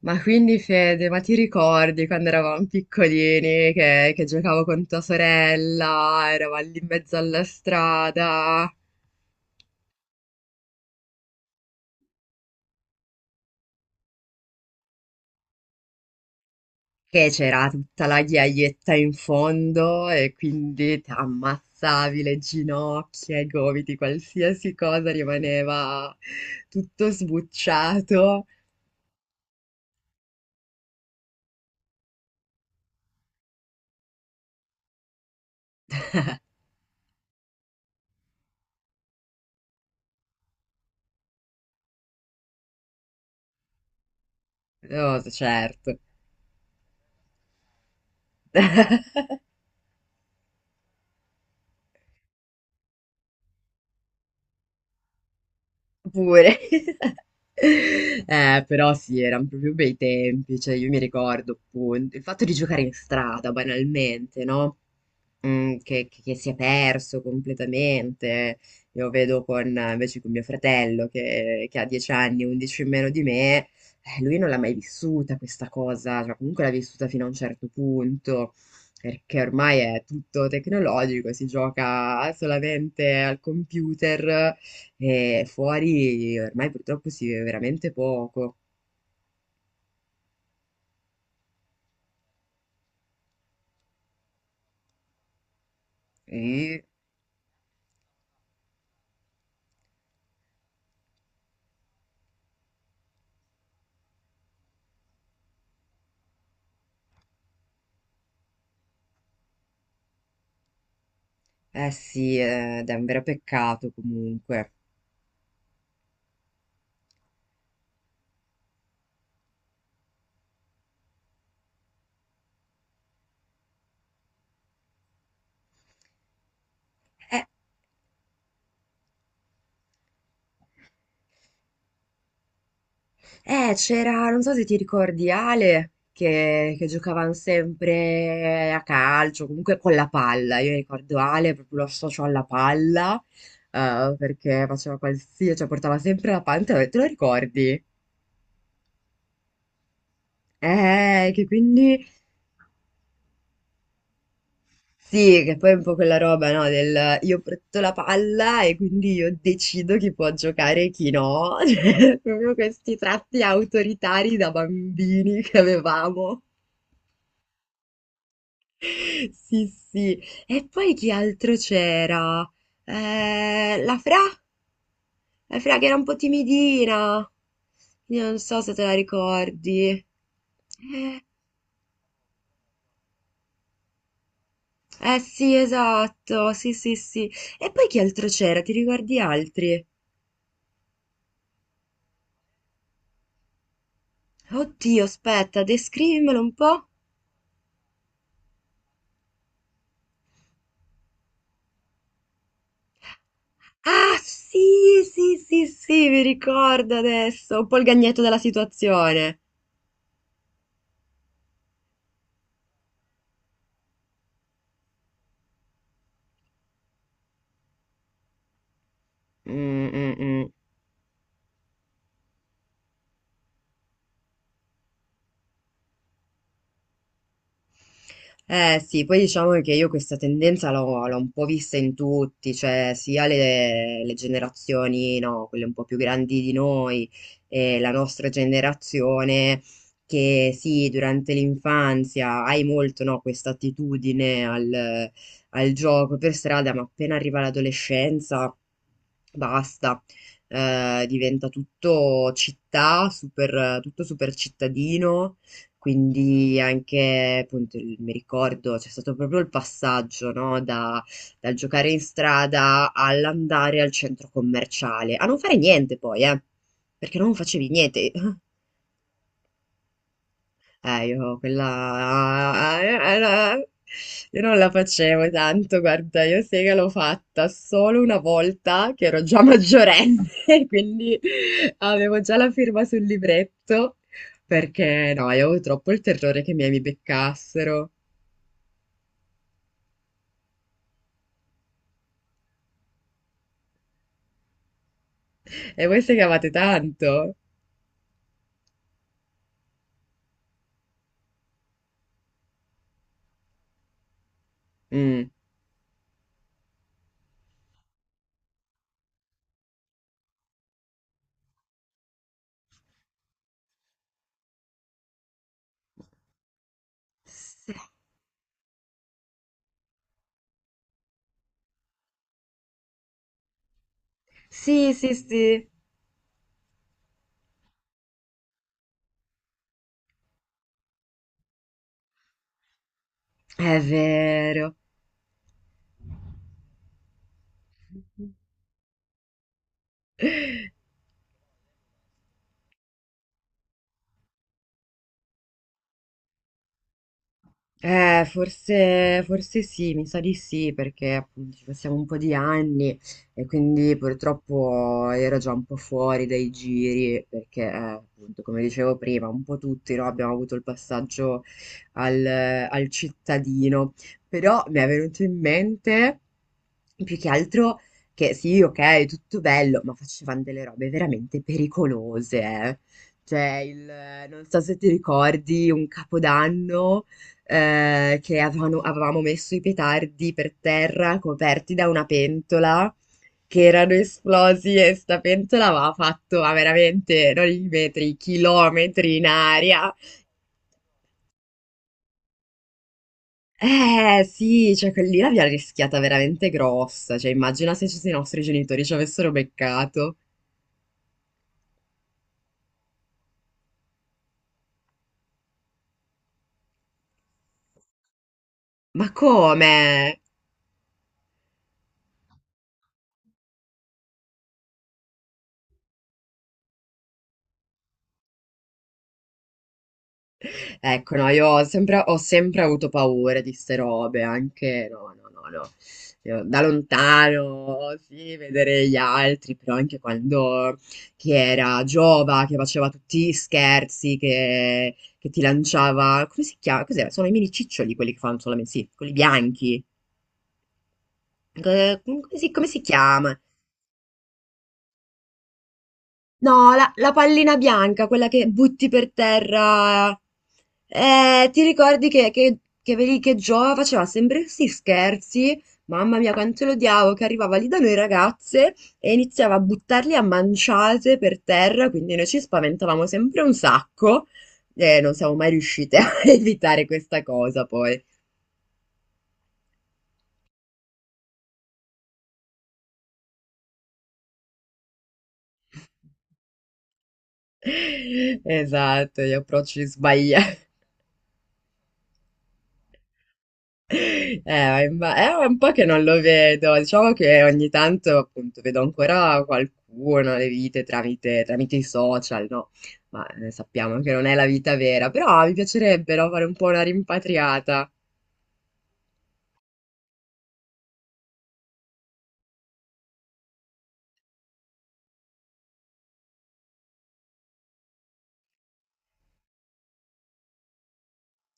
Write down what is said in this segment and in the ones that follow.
Ma quindi Fede, ma ti ricordi quando eravamo piccolini che giocavo con tua sorella, eravamo lì in mezzo alla strada, che c'era tutta la ghiaietta in fondo e quindi ti ammazzavi le ginocchia, i gomiti, qualsiasi cosa rimaneva tutto sbucciato? No, certo. Pure. Però sì, erano proprio bei tempi, cioè io mi ricordo appunto il fatto di giocare in strada banalmente, no? Mm, che si è perso completamente. Io vedo con, invece con mio fratello che ha 10 anni, 11 in meno di me, lui non l'ha mai vissuta questa cosa, cioè comunque l'ha vissuta fino a un certo punto, perché ormai è tutto tecnologico, si gioca solamente al computer e fuori ormai purtroppo si vive veramente poco. Mm. Eh sì, ed è un vero peccato comunque. Eh, C'era, non so se ti ricordi Ale, che giocavano sempre a calcio, comunque con la palla. Io ricordo Ale, proprio lo associo alla palla, perché faceva qualsiasi, cioè portava sempre la palla, te lo ricordi? Che quindi... Sì, che poi è un po' quella roba, no? Del io porto la palla e quindi io decido chi può giocare e chi no. Cioè, proprio questi tratti autoritari da bambini che avevamo. Sì, sì. E poi chi altro c'era? Eh, la Fra, la Fra che era un po' timidina. Io non so se te la ricordi. Eh, eh sì, esatto. Sì, sì, sì. E poi chi altro c'era? Ti ricordi altri? Dio, aspetta, descrivimelo un po'. Ah sì, sì, sì, sì, mi ricordo adesso un po' il gagnetto della situazione. Mm, mm, mm. Eh sì, poi diciamo che io questa tendenza l'ho un po' vista in tutti, cioè sia le generazioni, no, quelle un po' più grandi di noi, e la nostra generazione, che sì, durante l'infanzia hai molto, no, questa attitudine al gioco per strada, ma appena arriva l'adolescenza, basta. Diventa tutto città, super, tutto super cittadino, quindi anche, appunto, il- mi ricordo, c'è stato proprio il passaggio, no? Dal giocare in strada all'andare al centro commerciale, a non fare niente poi, perché non facevi niente. Io quella... io non la facevo tanto, guarda, io sega l'ho fatta solo una volta che ero già maggiorenne, quindi avevo già la firma sul libretto, perché no, io avevo troppo il terrore che i miei mi beccassero. E voi segavate tanto? Mm. Sì, sì, sì, sì, è vero. Forse, forse sì, mi sa di sì, perché appunto ci passiamo un po' di anni e quindi purtroppo ero già un po' fuori dai giri, perché appunto, come dicevo prima, un po' tutti no, abbiamo avuto il passaggio al, al cittadino, però mi è venuto in mente più che altro che sì, ok, tutto bello, ma facevano delle robe veramente pericolose, eh. Cioè, il, non so se ti ricordi, un capodanno che avevamo messo i petardi per terra coperti da una pentola che erano esplosi e sta pentola aveva fatto ma veramente non i metri, chilometri in aria. Eh sì, cioè quella lì l'abbiamo rischiata veramente grossa, cioè immagina se i nostri genitori ci avessero beccato. Ma come? Ecco, no, io ho sempre avuto paura di ste robe, anche no, no, no, no. Io da lontano, sì, vedere gli altri, però anche quando chi era Giova, che faceva tutti gli scherzi, che ti lanciava, come si chiama? Cos'era? Sono i mini ciccioli quelli che fanno solamente, sì, quelli bianchi. Come si chiama? No, la pallina bianca, quella che butti per terra. Ti ricordi vedi che Gio faceva sempre questi scherzi? Mamma mia, quanto lo odiavo, che arrivava lì da noi ragazze e iniziava a buttarli a manciate per terra, quindi noi ci spaventavamo sempre un sacco e non siamo mai riuscite a evitare questa cosa poi. Esatto, gli approcci sbagliati. Ma imma- è un po' che non lo vedo, diciamo che ogni tanto appunto vedo ancora qualcuno le vite tramite i social, no? Ma sappiamo che non è la vita vera, però mi piacerebbe no, fare un po' una rimpatriata.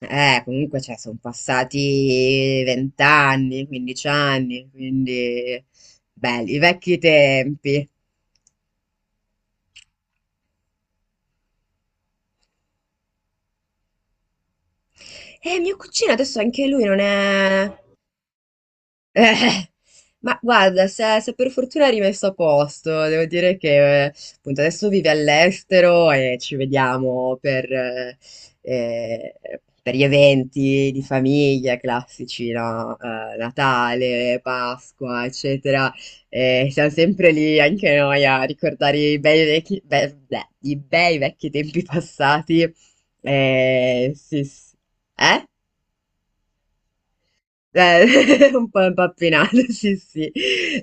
Comunque cioè, sono passati vent'anni, 15 anni, quindi belli, i vecchi tempi. Mio cugino adesso anche lui non è... Eh, ma guarda, se per fortuna è rimesso a posto, devo dire che appunto adesso vive all'estero e ci vediamo eh, per gli eventi di famiglia classici, no? Natale, Pasqua, eccetera. E siamo sempre lì anche noi a ricordare i bei vecchi, i bei vecchi tempi passati. Sì, sì. Eh? Un po' impappinato, sì, sì.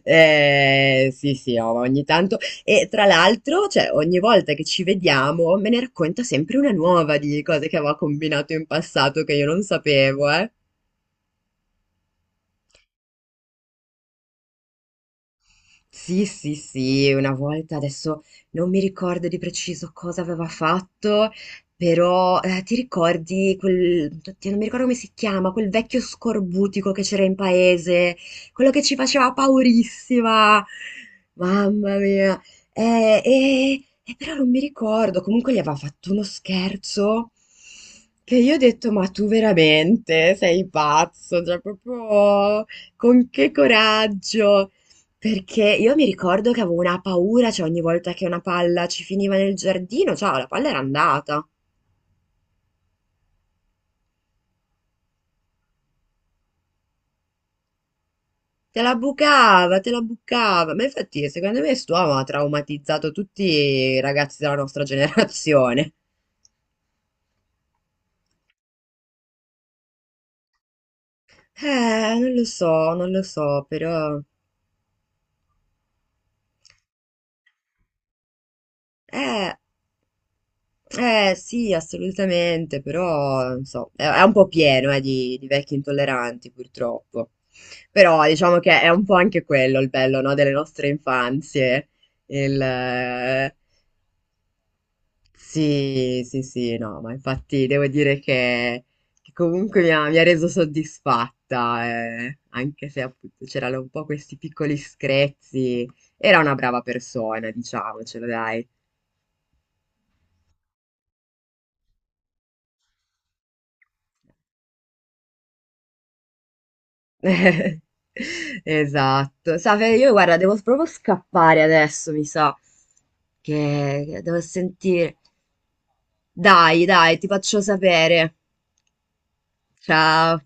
Sì, sì, no, ma ogni tanto. E tra l'altro, cioè, ogni volta che ci vediamo, me ne racconta sempre una nuova di cose che aveva combinato in passato che io non sapevo, eh. Sì, sì, sì, una volta adesso non mi ricordo di preciso cosa aveva fatto, però ti ricordi quel, oddio, non mi ricordo come si chiama, quel vecchio scorbutico che c'era in paese, quello che ci faceva paurissima, mamma mia, eh, eh, però non mi ricordo, comunque gli aveva fatto uno scherzo che io ho detto, ma tu veramente sei pazzo, cioè proprio con che coraggio. Perché io mi ricordo che avevo una paura, cioè ogni volta che una palla ci finiva nel giardino, cioè la palla era andata. Te la bucava, te la bucava. Ma infatti, secondo me, st'uomo ha traumatizzato tutti i ragazzi della nostra generazione. Non lo so, non lo so, però... Eh... Eh sì, assolutamente, però non so, è un po' pieno di vecchi intolleranti purtroppo. Però diciamo che è un po' anche quello il bello, no, delle nostre infanzie. Il, sì, sì, sì, no, ma infatti devo dire che comunque mi ha reso soddisfatta, anche se appunto c'erano un po' questi piccoli screzi. Era una brava persona, diciamocelo, dai. Esatto. Sa, Fede, io guarda, devo proprio scappare adesso, mi sa, che devo sentire. Dai, dai, ti faccio sapere. Ciao.